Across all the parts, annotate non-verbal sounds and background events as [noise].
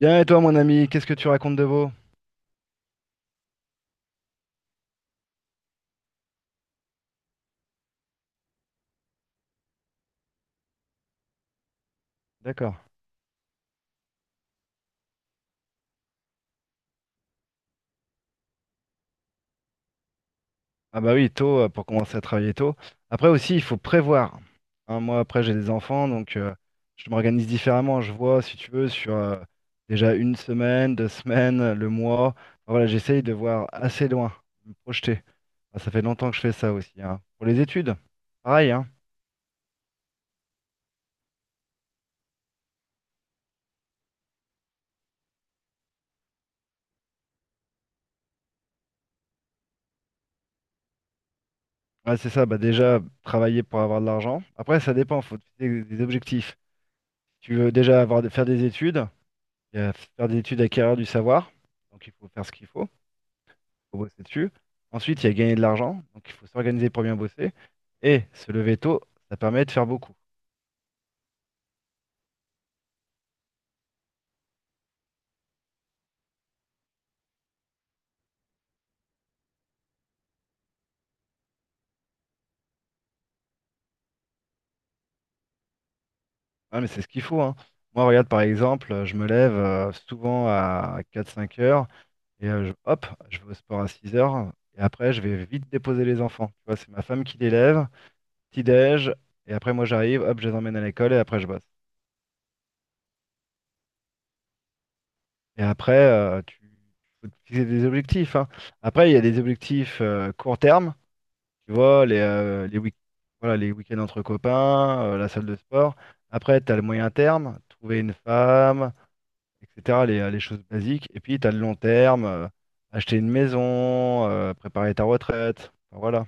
Bien, et toi, mon ami, qu'est-ce que tu racontes de beau? D'accord. Ah bah oui, tôt, pour commencer à travailler tôt. Après aussi, il faut prévoir. Hein, moi, après, j'ai des enfants, donc je m'organise différemment. Je vois, si tu veux, sur déjà une semaine, deux semaines, le mois. Enfin, voilà, j'essaye de voir assez loin, de me projeter. Ah, ça fait longtemps que je fais ça aussi, hein. Pour les études, pareil, hein. Ouais, c'est ça, bah déjà, travailler pour avoir de l'argent. Après, ça dépend, faut te fixer des objectifs. Tu veux déjà avoir, faire des études, il y a faire des études, acquérir du savoir. Donc il faut faire ce qu'il faut, il faut bosser dessus. Ensuite, il y a gagner de l'argent. Donc il faut s'organiser pour bien bosser. Et se lever tôt, ça permet de faire beaucoup. Ah, mais c'est ce qu'il faut, hein. Moi, regarde, par exemple, je me lève souvent à quatre cinq heures et hop, je vais au sport à 6 heures. Et après, je vais vite déposer les enfants. Tu vois, c'est ma femme qui les lève, petit-déj, et après, moi, j'arrive, hop, je les emmène à l'école et après, je bosse. Et après, tu faut te fixer des objectifs, hein. Après, il y a des objectifs court terme. Tu vois, les week voilà, les week-ends entre copains, la salle de sport. Après, tu as le moyen terme, trouver une femme, etc., les choses basiques. Et puis, tu as le long terme, acheter une maison, préparer ta retraite. Enfin, voilà.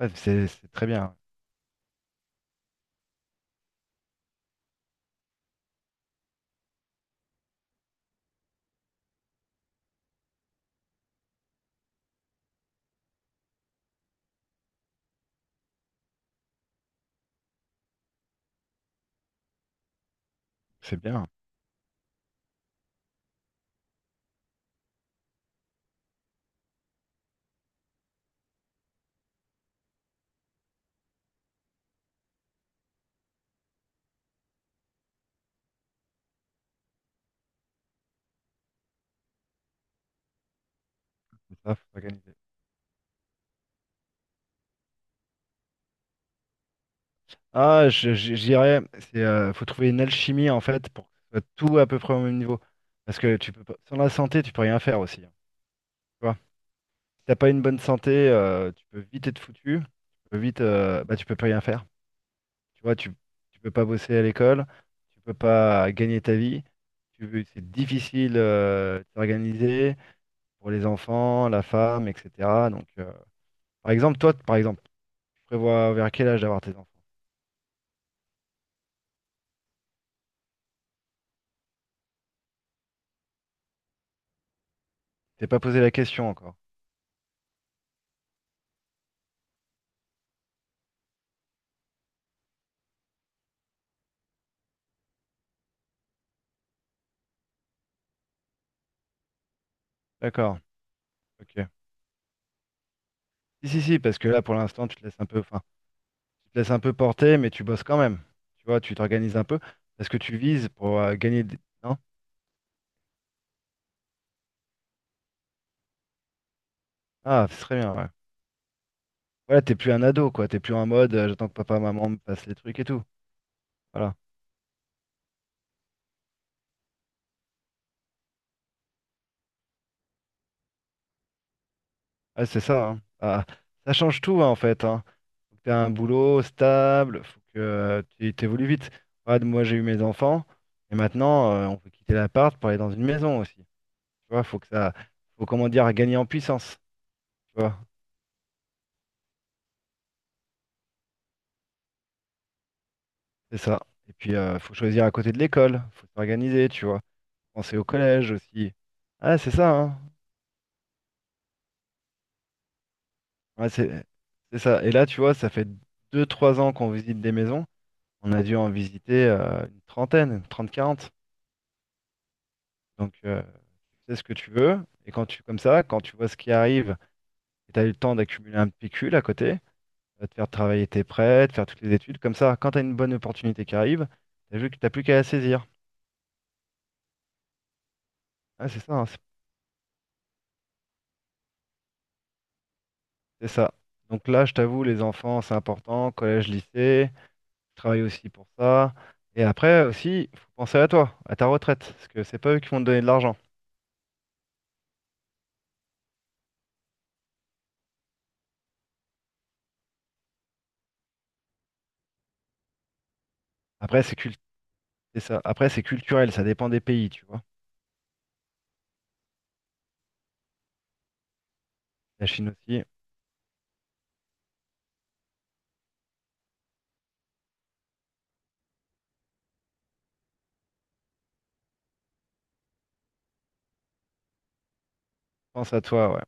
Ouais, c'est très bien. C'est bien. C'est ça, faut s'organiser. Ah, je dirais, faut trouver une alchimie, en fait, pour que ce soit tout à peu près au même niveau. Parce que tu peux pas, sans la santé, tu peux rien faire aussi, hein. Tu vois, t'as pas une bonne santé, tu peux vite être foutu. Tu peux vite, bah, tu peux plus rien faire. Tu vois, tu peux pas bosser à l'école, tu peux pas gagner ta vie. C'est difficile de s'organiser pour les enfants, la femme, etc. Donc, par exemple, toi, par exemple, tu prévois vers quel âge d'avoir tes enfants? T'es pas posé la question encore. D'accord. Ok. Si, si, si, parce que là, pour l'instant, tu te laisses un peu, enfin, tu te laisses un peu porter, mais tu bosses quand même. Tu vois, tu t'organises un peu parce que tu vises pour gagner des... Non? Ah, c'est très bien. Ouais. Voilà, t'es plus un ado, quoi. T'es plus en mode, j'attends que papa, maman me passe les trucs et tout. Voilà. Ouais, c'est ça, hein. Ah, ça change tout, hein, en fait, hein. Faut que t'aies un boulot stable, faut que tu t'évolues vite. Regarde, moi, j'ai eu mes enfants, et maintenant, on peut quitter l'appart pour aller dans une maison aussi. Tu vois, faut que ça, faut comment dire, gagner en puissance. Tu vois, c'est ça. Et puis, faut choisir à côté de l'école, faut s'organiser, tu vois. Penser au collège aussi. Ah, c'est ça, hein. Ouais, c'est ça. Et là, tu vois, ça fait deux trois ans qu'on visite des maisons. On a dû en visiter une trentaine, une 30, 40. Donc, tu sais ce que tu veux. Et quand tu, comme ça, quand tu vois ce qui arrive, et tu as eu le temps d'accumuler un pécule à côté, ça va te faire travailler tes prêts, de faire toutes les études. Comme ça, quand tu as une bonne opportunité qui arrive, t'as vu que t'as plus qu'à la saisir. Ah, c'est ça, hein, c'est ça. Donc là, je t'avoue, les enfants, c'est important. Collège, lycée, je travaille aussi pour ça. Et après aussi, il faut penser à toi, à ta retraite, parce que c'est pas eux qui vont te donner de l'argent. Après, c'est ça. Après, c'est culturel, ça dépend des pays, tu vois. La Chine aussi. Pense à toi, ouais.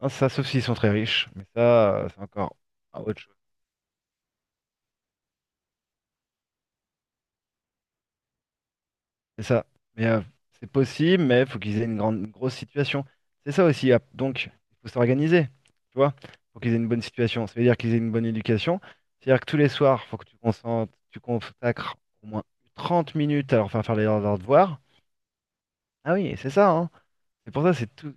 Non, ça, sauf s'ils sont très riches, mais ça, c'est encore ah, autre chose. C'est ça. Mais c'est possible, mais il faut qu'ils aient une grande, une grosse situation. C'est ça aussi, ah. Donc, il faut s'organiser, tu vois. Il faut qu'ils aient une bonne situation. Ça veut dire qu'ils aient une bonne éducation. C'est-à-dire que tous les soirs, il faut que tu consacres au moins 30 minutes à leur faire faire leurs devoirs. Ah oui, c'est ça, hein. C'est pour ça, c'est tout.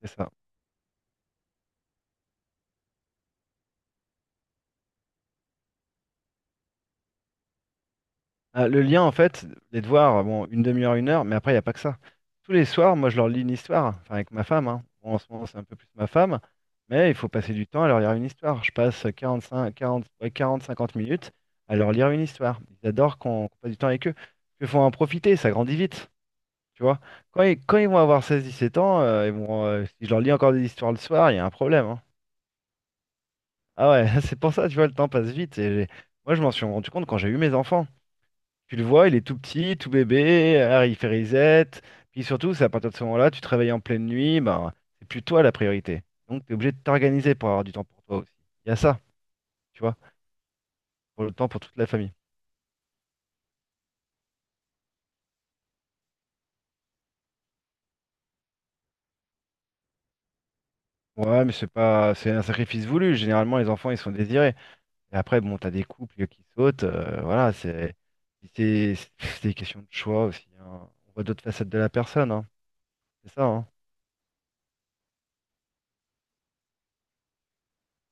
C'est ça. Ah, le lien, en fait, les devoirs, bon, une demi-heure, une heure, mais après, il n'y a pas que ça. Tous les soirs, moi, je leur lis une histoire, enfin, avec ma femme, hein. Bon, en ce moment, c'est un peu plus ma femme, mais il faut passer du temps à leur lire une histoire. Je passe 45, 40, ouais, 40 50 minutes à leur lire une histoire. Ils adorent qu'on passe du temps avec eux. Il faut en profiter, ça grandit vite, tu vois. Quand ils vont avoir seize dix-sept ans, si je leur lis encore des histoires le soir, il y a un problème, hein. Ah ouais, [laughs] c'est pour ça, tu vois, le temps passe vite. Moi, je m'en suis rendu compte quand j'ai eu mes enfants. Tu le vois, il est tout petit, tout bébé, alors il fait reset. Puis surtout, c'est à partir de ce moment-là, tu te réveilles en pleine nuit, ben, c'est plus toi la priorité. Donc, tu es obligé de t'organiser pour avoir du temps pour toi aussi. Il y a ça, tu vois, pour le temps pour toute la famille. Ouais, mais c'est pas, c'est un sacrifice voulu. Généralement, les enfants, ils sont désirés. Et après, bon, t'as des couples qui sautent. Voilà, c'est des questions de choix aussi, hein. On voit d'autres facettes de la personne, hein. C'est ça, hein.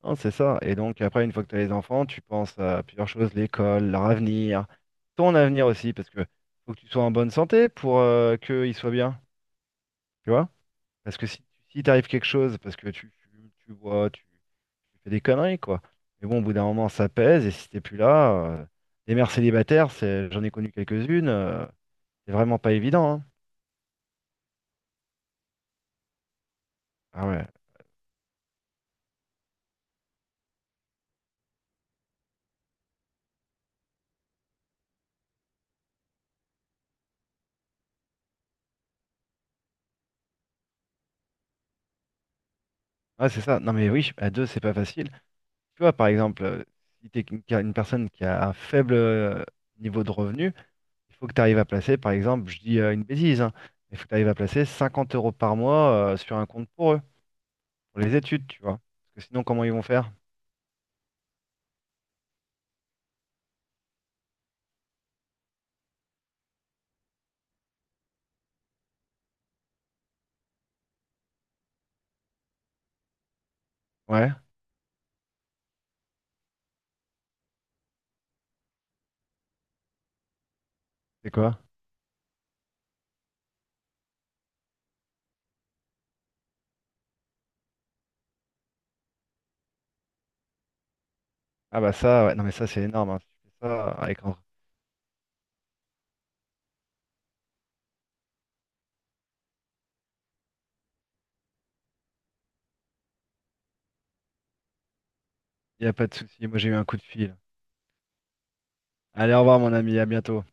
Non, c'est ça. Et donc après, une fois que tu as les enfants, tu penses à plusieurs choses, l'école, leur avenir, ton avenir aussi, parce que faut que tu sois en bonne santé pour qu'ils soient bien, tu vois? Parce que si t'arrive quelque chose, parce que tu fumes, tu bois, tu fais des conneries, quoi. Mais bon, au bout d'un moment, ça pèse, et si t'es plus là, les mères célibataires, c'est, j'en ai connu quelques-unes, c'est vraiment pas évident, hein. Ah ouais. Ah, c'est ça. Non mais oui, à deux, c'est pas facile. Tu vois, par exemple, si t'es une personne qui a un faible niveau de revenu, il faut que tu arrives à placer, par exemple, je dis une bêtise, hein, mais il faut que tu arrives à placer 50 € par mois sur un compte pour eux, pour les études, tu vois. Parce que sinon, comment ils vont faire? Ouais, c'est quoi? Ah bah ça, ouais, non mais ça c'est énorme, hein. Si tu fais ça, avec... Il n'y a pas de souci. Moi j'ai eu un coup de fil. Allez, au revoir mon ami, à bientôt.